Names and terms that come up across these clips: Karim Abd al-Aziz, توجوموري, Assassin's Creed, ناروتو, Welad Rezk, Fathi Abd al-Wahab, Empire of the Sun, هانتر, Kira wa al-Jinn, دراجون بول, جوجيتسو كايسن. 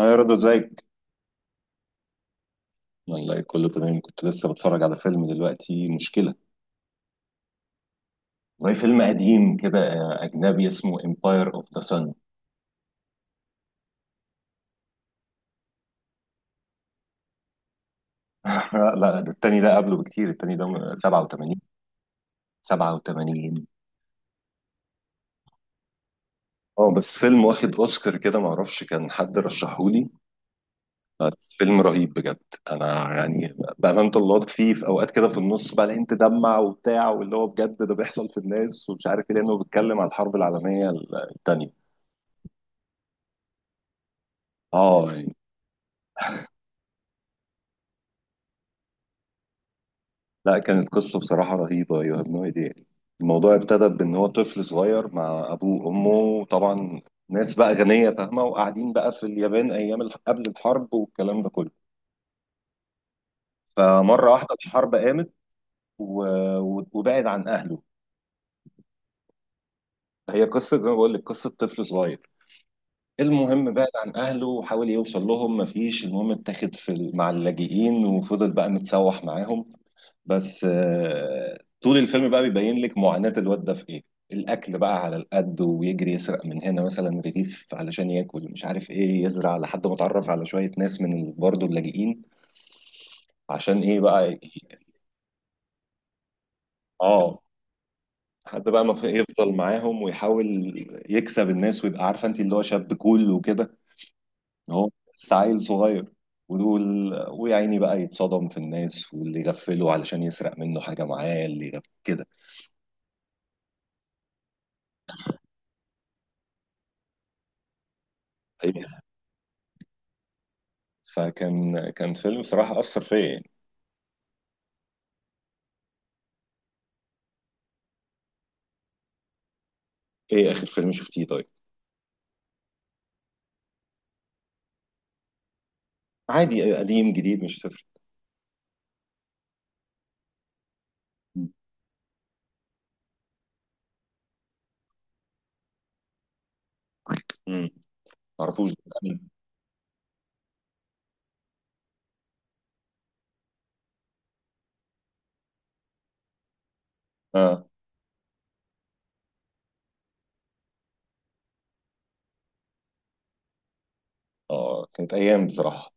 أنا رضا، ازيك؟ والله كله تمام، كنت لسه بتفرج على فيلم دلوقتي مشكلة. والله فيلم قديم كده، أجنبي اسمه Empire of the Sun. لا لا، ده التاني، ده قبله بكتير، التاني ده 87، 87. اه، بس فيلم واخد أوسكار كده، معرفش كان حد رشحهولي. بس فيلم رهيب بجد. أنا يعني بأمانة الله فيه في أوقات كده في النص بقى انت تدمع وبتاع، واللي هو بجد ده بيحصل في الناس ومش عارف ايه، لأنه بيتكلم على الحرب العالمية التانية. اه. لا، كانت قصة بصراحة رهيبة، يو هاف نو ايديا. الموضوع ابتدى بان هو طفل صغير مع ابوه وامه طبعا، ناس بقى غنية فاهمة، وقاعدين بقى في اليابان ايام قبل الحرب والكلام ده كله. فمرة واحدة الحرب قامت و... وبعد عن اهله. هي قصة زي ما بقول لك، قصة طفل صغير. المهم بعد عن اهله وحاول يوصل لهم مفيش، المهم اتاخد مع اللاجئين وفضل بقى متسوح معاهم. بس طول الفيلم بقى بيبين لك معاناة الواد ده في ايه. الاكل بقى على القد، ويجري يسرق من هنا مثلا رغيف علشان ياكل، مش عارف ايه، يزرع لحد ما اتعرف على شوية ناس برضه اللاجئين. عشان ايه بقى اه. حد بقى ما في- يفضل معاهم ويحاول يكسب الناس ويبقى، عارفه انت، اللي هو شاب كول وكده. إن هو بس عيل صغير. ودول ويا عيني بقى يتصدم في الناس، واللي يغفله علشان يسرق منه حاجه معاه، كده. كان فيلم صراحة أثر فيا يعني. إيه آخر فيلم شفتيه طيب؟ عادي، قديم جديد مش هتفرق. امم. معرفوش ده. آه. آه، كانت أيام بصراحة.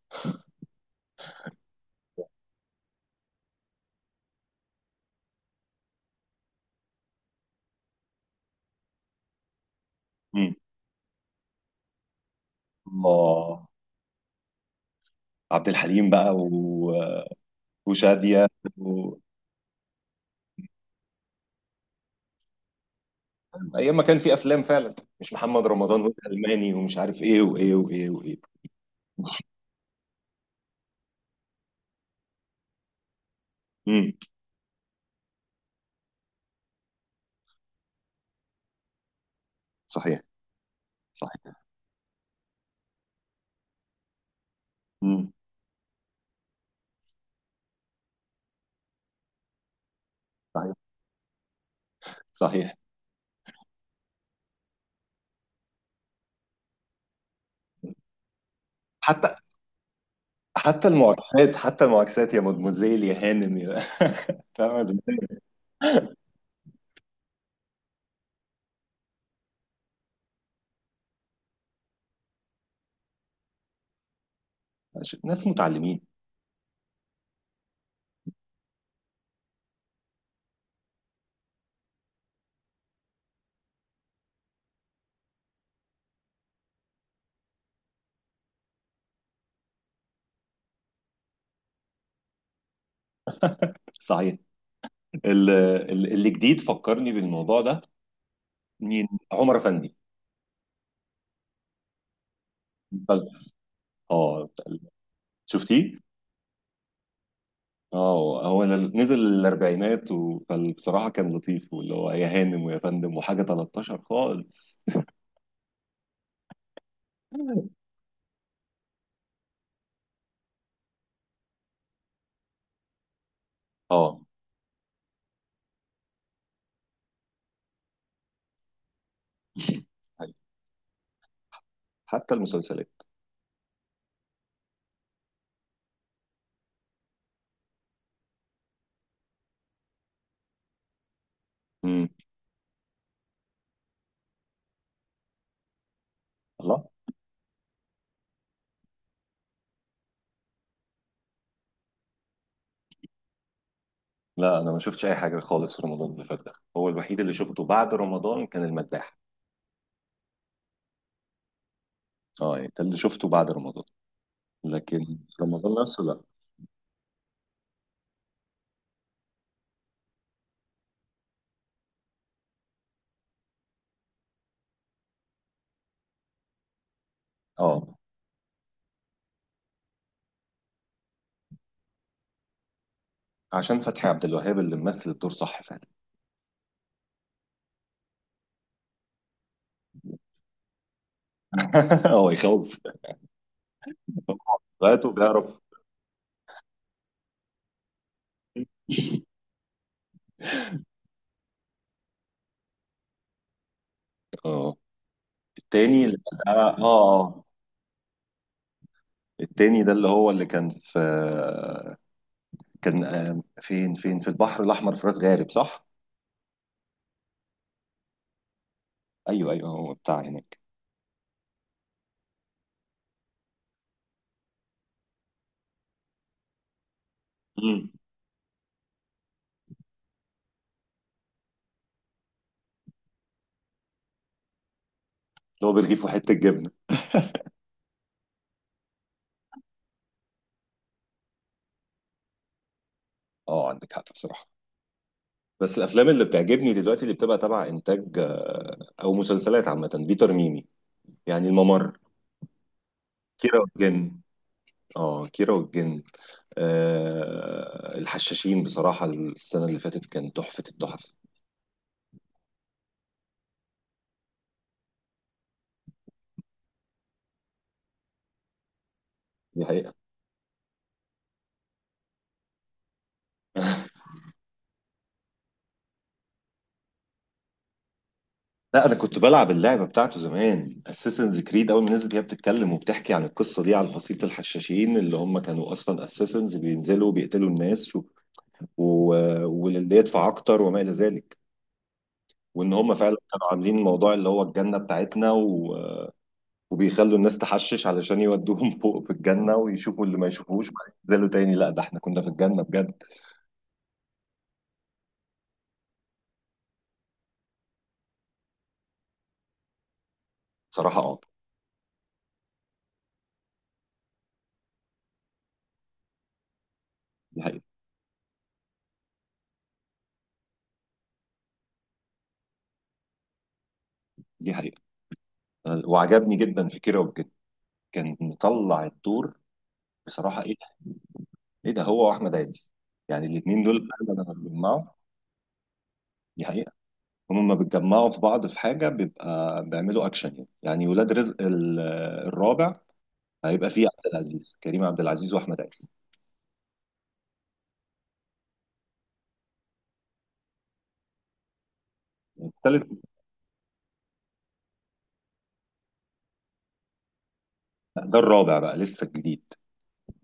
امم. الله. عبد الحليم بقى وشادية. و... أيام ما كان في أفلام فعلا، مش محمد رمضان والألماني ومش عارف إيه وإيه وإيه وإيه. امم. صحيح. صحيح. امم. صحيح. صحيح. حتى حتى المعاكسات، حتى المعاكسات، يا مدموزيل، يا هانم، يا... فاهم. ناس متعلمين. صحيح. اللي جديد فكرني بالموضوع ده، مين؟ عمر افندي. فلسفة. اه. شفتيه؟ اه، هو نزل الاربعينات فبصراحه كان لطيف، واللي هو يا هانم ويا فندم وحاجه 13 خالص. اه، حتى المسلسلات. امم. الله. لا، انا ما شفتش اي حاجه خالص في رمضان اللي فات، ده هو الوحيد اللي شفته بعد رمضان، كان المداح. اه، يعني ده اللي شفته بعد رمضان، لكن رمضان نفسه لا. اه، عشان فتحي عبد الوهاب اللي ممثل الدور، صح فعلا. هو يخوف. غايته بيعرف. اه. التاني اللي اه اه. التاني ده اللي هو اللي كان في. كان فين في البحر الاحمر في راس غارب صح؟ ايوه ايوه، هو بتاع هناك. مم. اللي هو برغيف وحته جبنه. اه، عندك حق بصراحه. بس الافلام اللي بتعجبني دلوقتي، اللي بتبقى تبع انتاج او مسلسلات عامه، بيتر ميمي. يعني الممر، كيرة والجن. اه، كيرة والجن. الحشاشين بصراحة السنة اللي فاتت كان تحفة التحف. دي حقيقة. لا، انا كنت بلعب اللعبة بتاعته زمان، اساسنز كريد، اول ما نزلت هي بتتكلم وبتحكي عن القصة دي، عن فصيلة الحشاشين اللي هم كانوا اصلا اساسنز، بينزلوا بيقتلوا الناس و... واللي يدفع اكتر، وما الى ذلك. وان هم فعلا كانوا عاملين موضوع اللي هو الجنة بتاعتنا، وبيخلوا الناس تحشش علشان يودوهم فوق في الجنة، ويشوفوا اللي ما يشوفوش، وبعدين ينزلوا تاني، لا ده احنا كنا في الجنة بجد. صراحة اه. دي حقيقة. دي حقيقة. وعجبني جدا في كيرة والجن، كان مطلع الدور. بصراحة، ايه ده؟ ايه ده، هو واحمد عز. يعني الاتنين دول فعلا لما بيتجمعوا. دي حقيقة. هما لما بيتجمعوا في بعض في حاجة بيبقى بيعملوا اكشن، يعني ولاد رزق الرابع. هيبقى فيه عبد العزيز كريم عبد العزيز واحمد عز. التالت. ده الرابع بقى، لسه الجديد.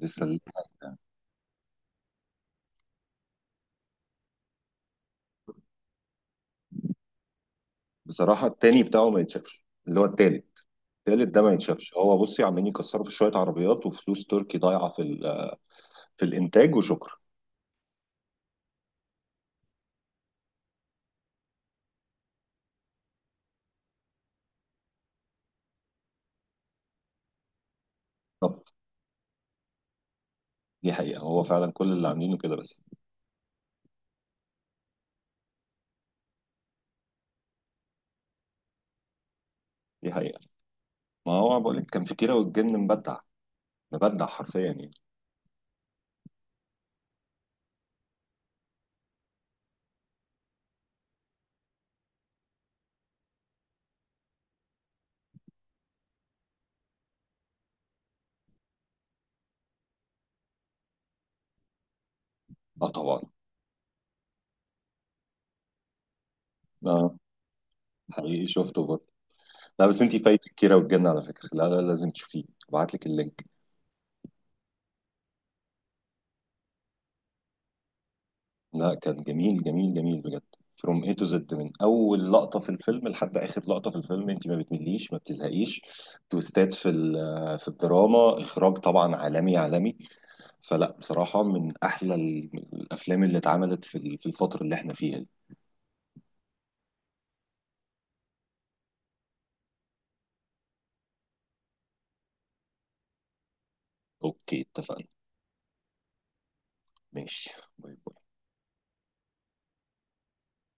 لسه ال- بصراحة التاني بتاعه ما يتشافش اللي هو التالت. التالت ده ما يتشافش، هو بصي عمالين يكسروا في شوية عربيات وفلوس تركي ضايعة في الانتاج وشكر. بالظبط. دي حقيقه، هو فعلا كل اللي عاملينه كده بس. دي حقيقه، ما هو بقول لك، كان في كيرة والجن مبدع، مبدع حرفيا يعني. اه، طبعا. اه، حقيقي شفته برضه. لا، بس انت فايتك كيرة والجن على فكره، لا لا، لازم تشوفيه، ابعت لك اللينك. لا، كان جميل جميل جميل بجد، فروم اي تو زد، من اول لقطه في الفيلم لحد اخر لقطه في الفيلم انت ما بتمليش ما بتزهقيش. تويستات في الدراما، اخراج طبعا عالمي عالمي. فلا بصراحة، من أحلى الأفلام اللي اتعملت في الفترة اللي احنا فيها دي. أوكي، اتفقنا. ماشي. باي باي.